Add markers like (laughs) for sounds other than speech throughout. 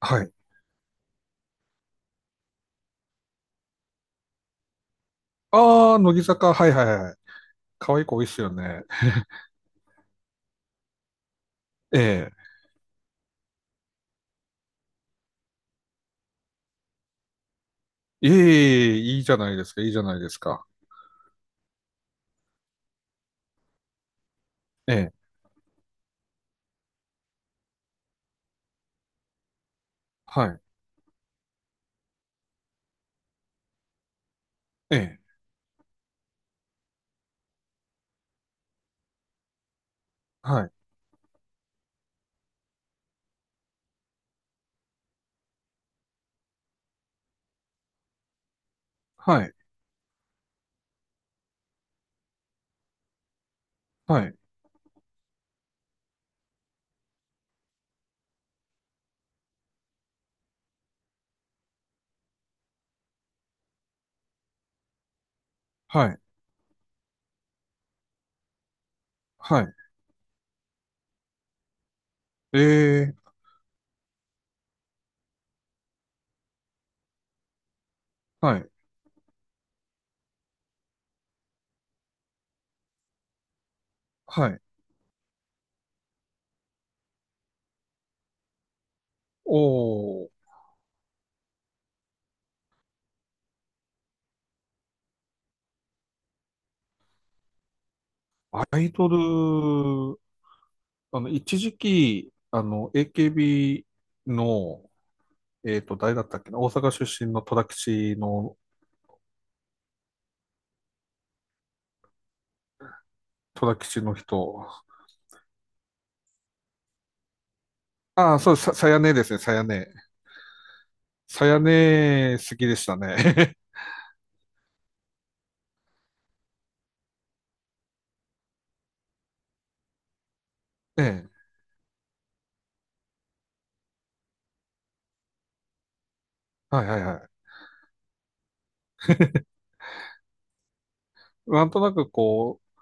はい。ああ、乃木坂、はいはいはい。可愛い子多いっすよね。ええ。いえいえ、いいじゃないですか、いいじゃないですか。ええ、はい、ええ、はい、はい、はい、はい、はい、ええ、はい、はい。おー、アイドル、あの、一時期、あの、AKB の、誰だったっけな、大阪出身の戸田吉の、戸田吉の人。ああ、そう、さやねですね、さやね。さやね、好きでしたね。(laughs) ええ。はいはいはい。(laughs) なんとなくこう、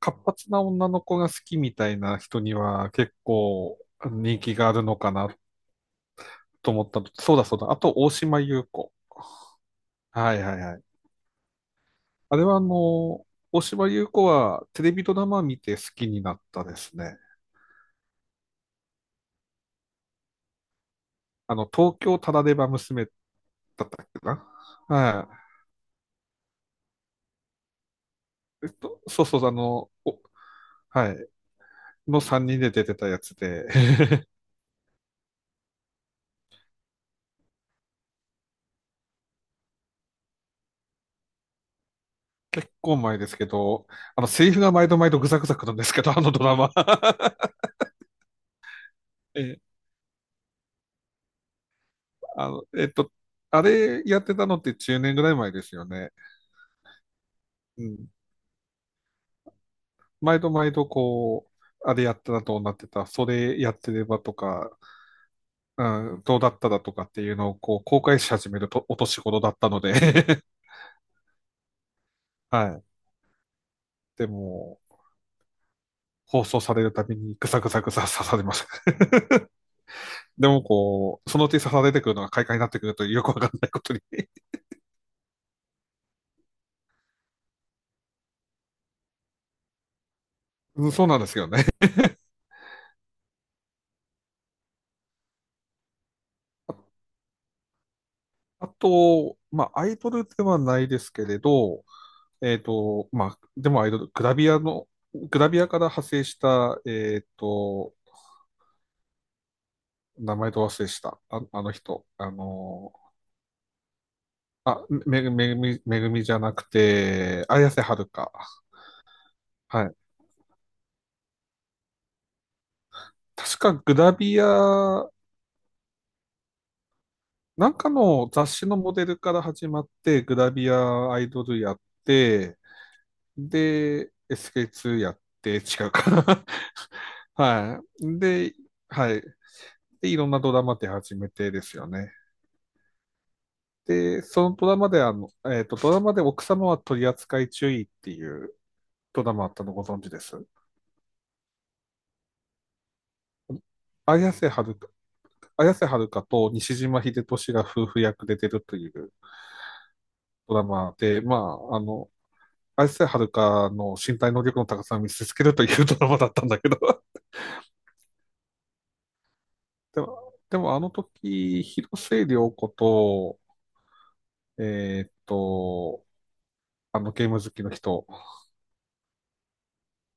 活発な女の子が好きみたいな人には結構人気があるのかなと思ったのと、そうだそうだ。あと、大島優子。はいはいはい。あれはあの、大島優子はテレビドラマ見て好きになったですね。あの、東京タラレバ娘だったっけな。はい。そうそう、あの、おはい。の3人で出てたやつで、(laughs) 結構前ですけど、あの、セリフが毎度毎度ぐざぐざくるんですけど、あのドラマ。(laughs) ええ、あの、あれやってたのって10年ぐらい前ですよね。うん。毎度毎度こう、あれやったらどうなってた、それやってればとか、うん、どうだったらとかっていうのをこう公開し始めるとお年頃だったので、 (laughs) はい。でも、放送されるたびにぐさぐさぐさ刺されます。(laughs) でもこう、そのうち刺されてくるのが快感になってくるというよくわかんないことに。うん、そうなんですよね。あと、まあ、アイドルではないですけれど、まあ、でもアイドル、グラビアの、グラビアから派生した、名前と忘れした、あ、あの人、あのあ、めぐみ、めぐみじゃなくて、綾瀬はるか。はい。確かグラビア、なんかの雑誌のモデルから始まって、グラビアアイドルやって、で、SK2 やって、違うかな。(laughs) はい。で、はい。で、いろんなドラマ出始めてですよね。で、そのドラマであの、ドラマで奥様は取り扱い注意っていうドラマあったのご存知です？綾瀬はるか、綾瀬はるかと西島秀俊が夫婦役で出るというドラマで、まあ、あの、綾瀬はるかの身体能力の高さを見せつけるというドラマだったんだけど。(laughs) でも、あの時、広末涼子と、えーっと、あのゲーム好きの人、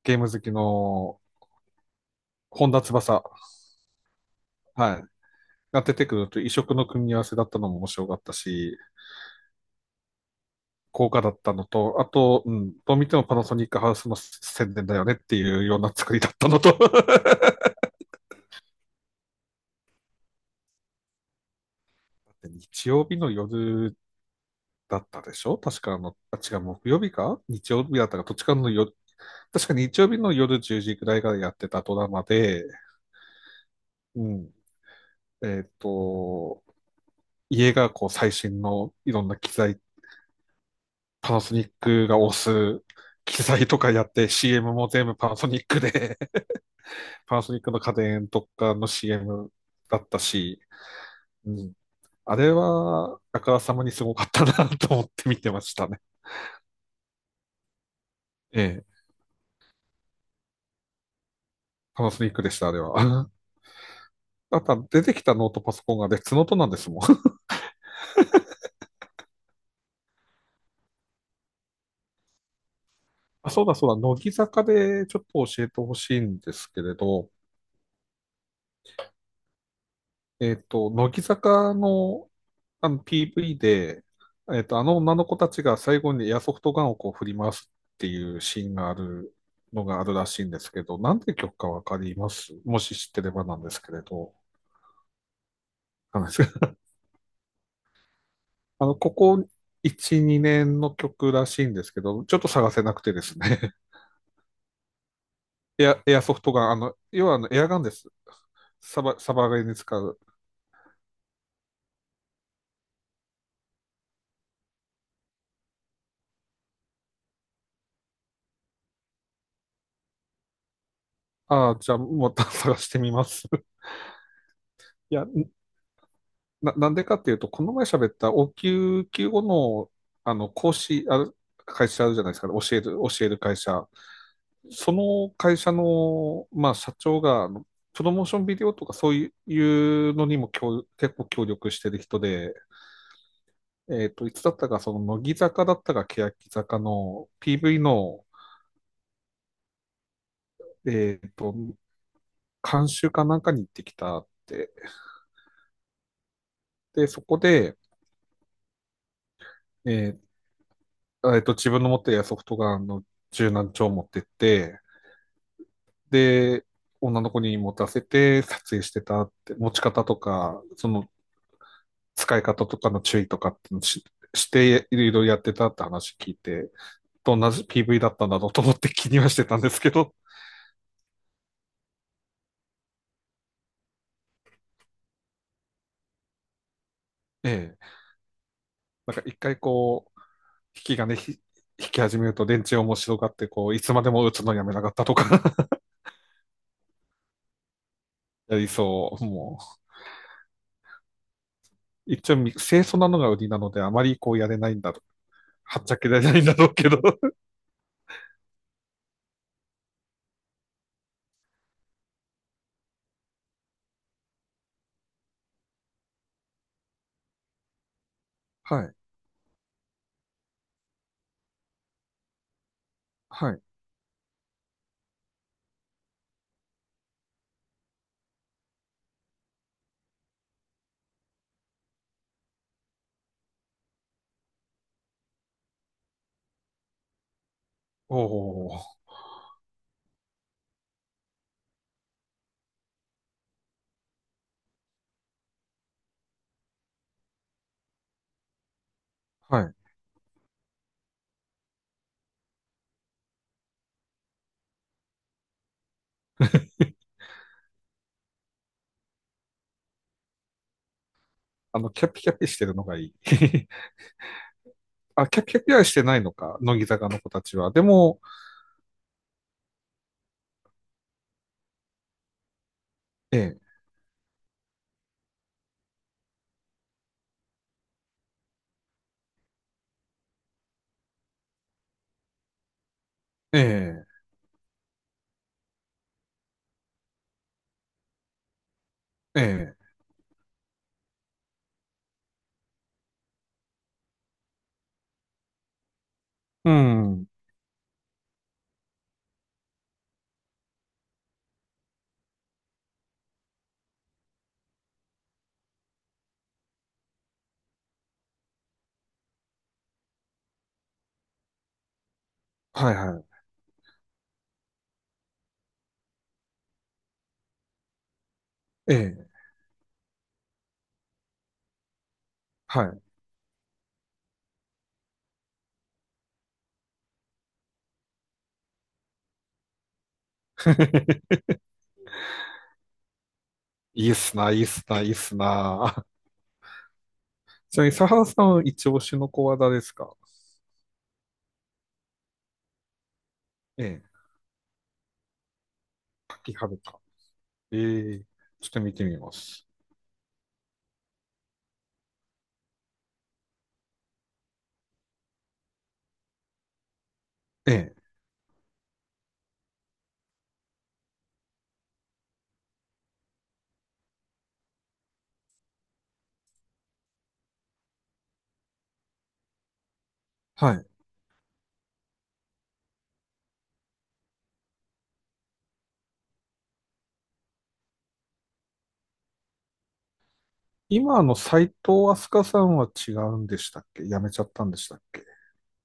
ゲーム好きの本田翼、はい、が出てくると異色の組み合わせだったのも面白かったし、効果だったのと、あと、うん、どう見てもパナソニックハウスの宣伝だよねっていうような作りだったのと、 (laughs) 日曜日の夜だったでしょ、確かあの、あ、違う、木曜日か日曜日だったか、どっちかの夜、確か日曜日の夜10時くらいからやってたドラマで、うん、えっ、と、家がこう最新のいろんな機材、パナソニックが推す機材とかやって CM も全部パナソニックでパナソニックの家電とかの CM だったし、うん、あれは、あからさまにすごかったな、 (laughs) と思って見てましたね。ええ、パナソニックでした、あれは。(laughs) あとは出てきたノートパソコンが別ノートなんですもん。(laughs) あ、そうだそうだ、乃木坂でちょっと教えてほしいんですけれど、乃木坂の、あの PV で、あの女の子たちが最後にエアソフトガンをこう振り回すっていうシーンがあるのがあるらしいんですけど、なんて曲かわかります？もし知ってればなんですけれど。わかんないです。 (laughs) あの、ここ1、2年の曲らしいんですけど、ちょっと探せなくてですね。(laughs) エア、エアソフトガン、あの、要はあのエアガンです。サバ、サバゲーに使う。ああ、じゃあ、また (laughs) 探してみます。(laughs) いや、なんでかっていうと、この前喋った応急救護の、あの、講師、ある、会社あるじゃないですか、教える、教える会社。その会社の、まあ、社長が、あのプロモーションビデオとかそういうのにも協結構協力してる人で、いつだったか、その、乃木坂だったか、欅坂の PV の、えっと、監修かなんかに行ってきたって。で、そこで、え自分の持っているソフトガンの柔軟帳を持ってって、で、女の子に持たせて撮影してたって、持ち方とか、その使い方とかの注意とかってのし、していろいろやってたって話聞いて、どんな PV だったんだろうと思って気にはしてたんですけど、ええ、なんか一回こう、引きがね、引き始めると電池面白がって、こう、いつまでも打つのやめなかったとか。 (laughs) やりそう。もう、一応、清楚なのが売りなので、あまりこうやれないんだろう。はっちゃけられないんだろうけど。 (laughs) はい。はい。おおはい。あの、キャピキャピしてるのがいい。(laughs) あ、キャピキャピはしてないのか、乃木坂の子たちは。でも、ええ、ええ、ええ、うん、はいはい、ええ、はい。(laughs) いいっすな、いいっすな、いいっすな。(laughs) あ、ちなみに、佐原さん、一押しの子は誰ですか？ええ、柿原か。ええ、ちょっと見てみます。ええ、はい。今の斎藤飛鳥さんは違うんでしたっけ？辞めちゃったんでしたっけ？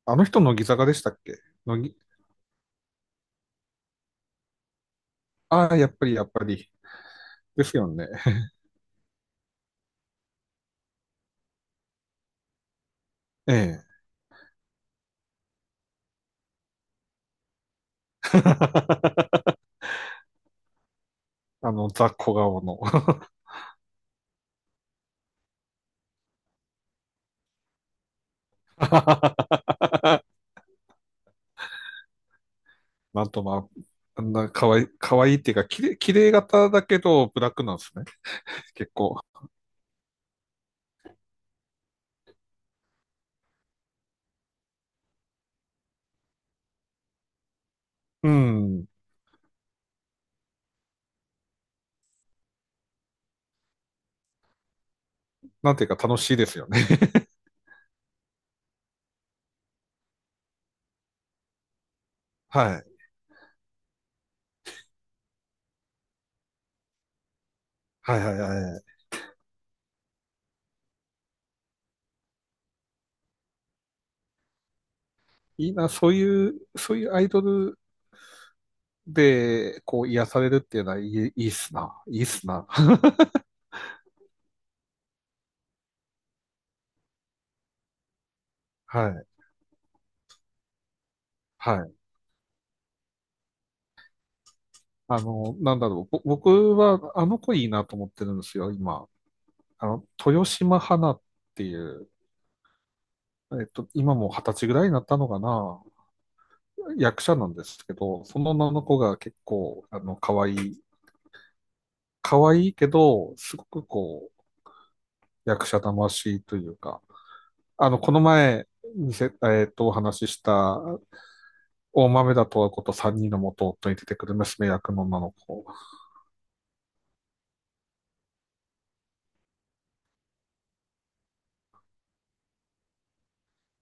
あの人、乃木坂でしたっけ？乃木、ああ、やっぱり、やっぱり。ですよね。ええ。(laughs) あの、ザ・小顔の。(laughs) なんとまあ、あんな可愛い、可愛いっていうか、綺麗、綺麗型だけど、ブラックなんですね。結構。うん。なんていうか楽しいですよね。(laughs) はい。はいはいはい。いいな、そういう、そういうアイドルで、こう、癒されるっていうのはいい、いいっすな。いいっすな。はい。はい。あの、なんだろう。僕は、あの子いいなと思ってるんですよ、今。あの、豊島花っていう、今も二十歳ぐらいになったのかな、役者なんですけど、その女の子が結構、あの、可愛い、可愛いけど、すごくこう、役者魂というか、あの、この前、見せ、えっと、お話しした、大豆田と和子と三人の元夫に出てくる娘役の女の子。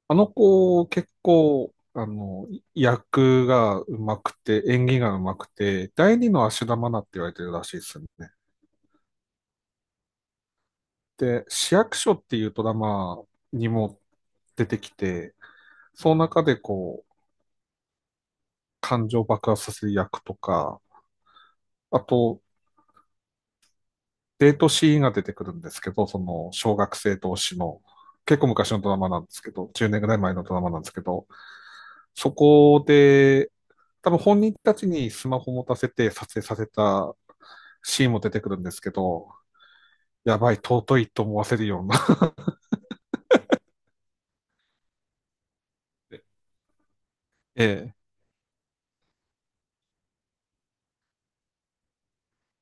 あの子、結構、あの、役が上手くて、演技が上手くて、第二の足玉なって言われてるらしいですね。で、市役所っていうドラマにも出てきて、その中でこう、感情爆発させる役とか、あと、デートシーンが出てくるんですけど、その、小学生同士の、結構昔のドラマなんですけど、10年ぐらい前のドラマなんですけど、そこで、多分本人たちにスマホ持たせて撮影させたシーンも出てくるんですけど、やばい、尊いと思わせるような。 (laughs) ええ、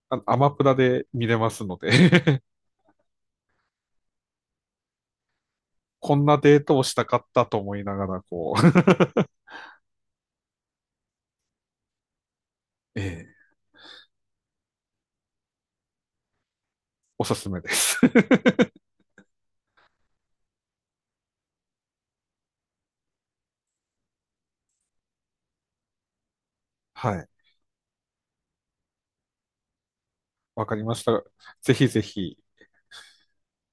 あのアマプラで見れますので。こんなデートをしたかったと思いながら、こう、えー。 (laughs) おすすめです。(laughs) はい。わかりました。ぜひぜひ、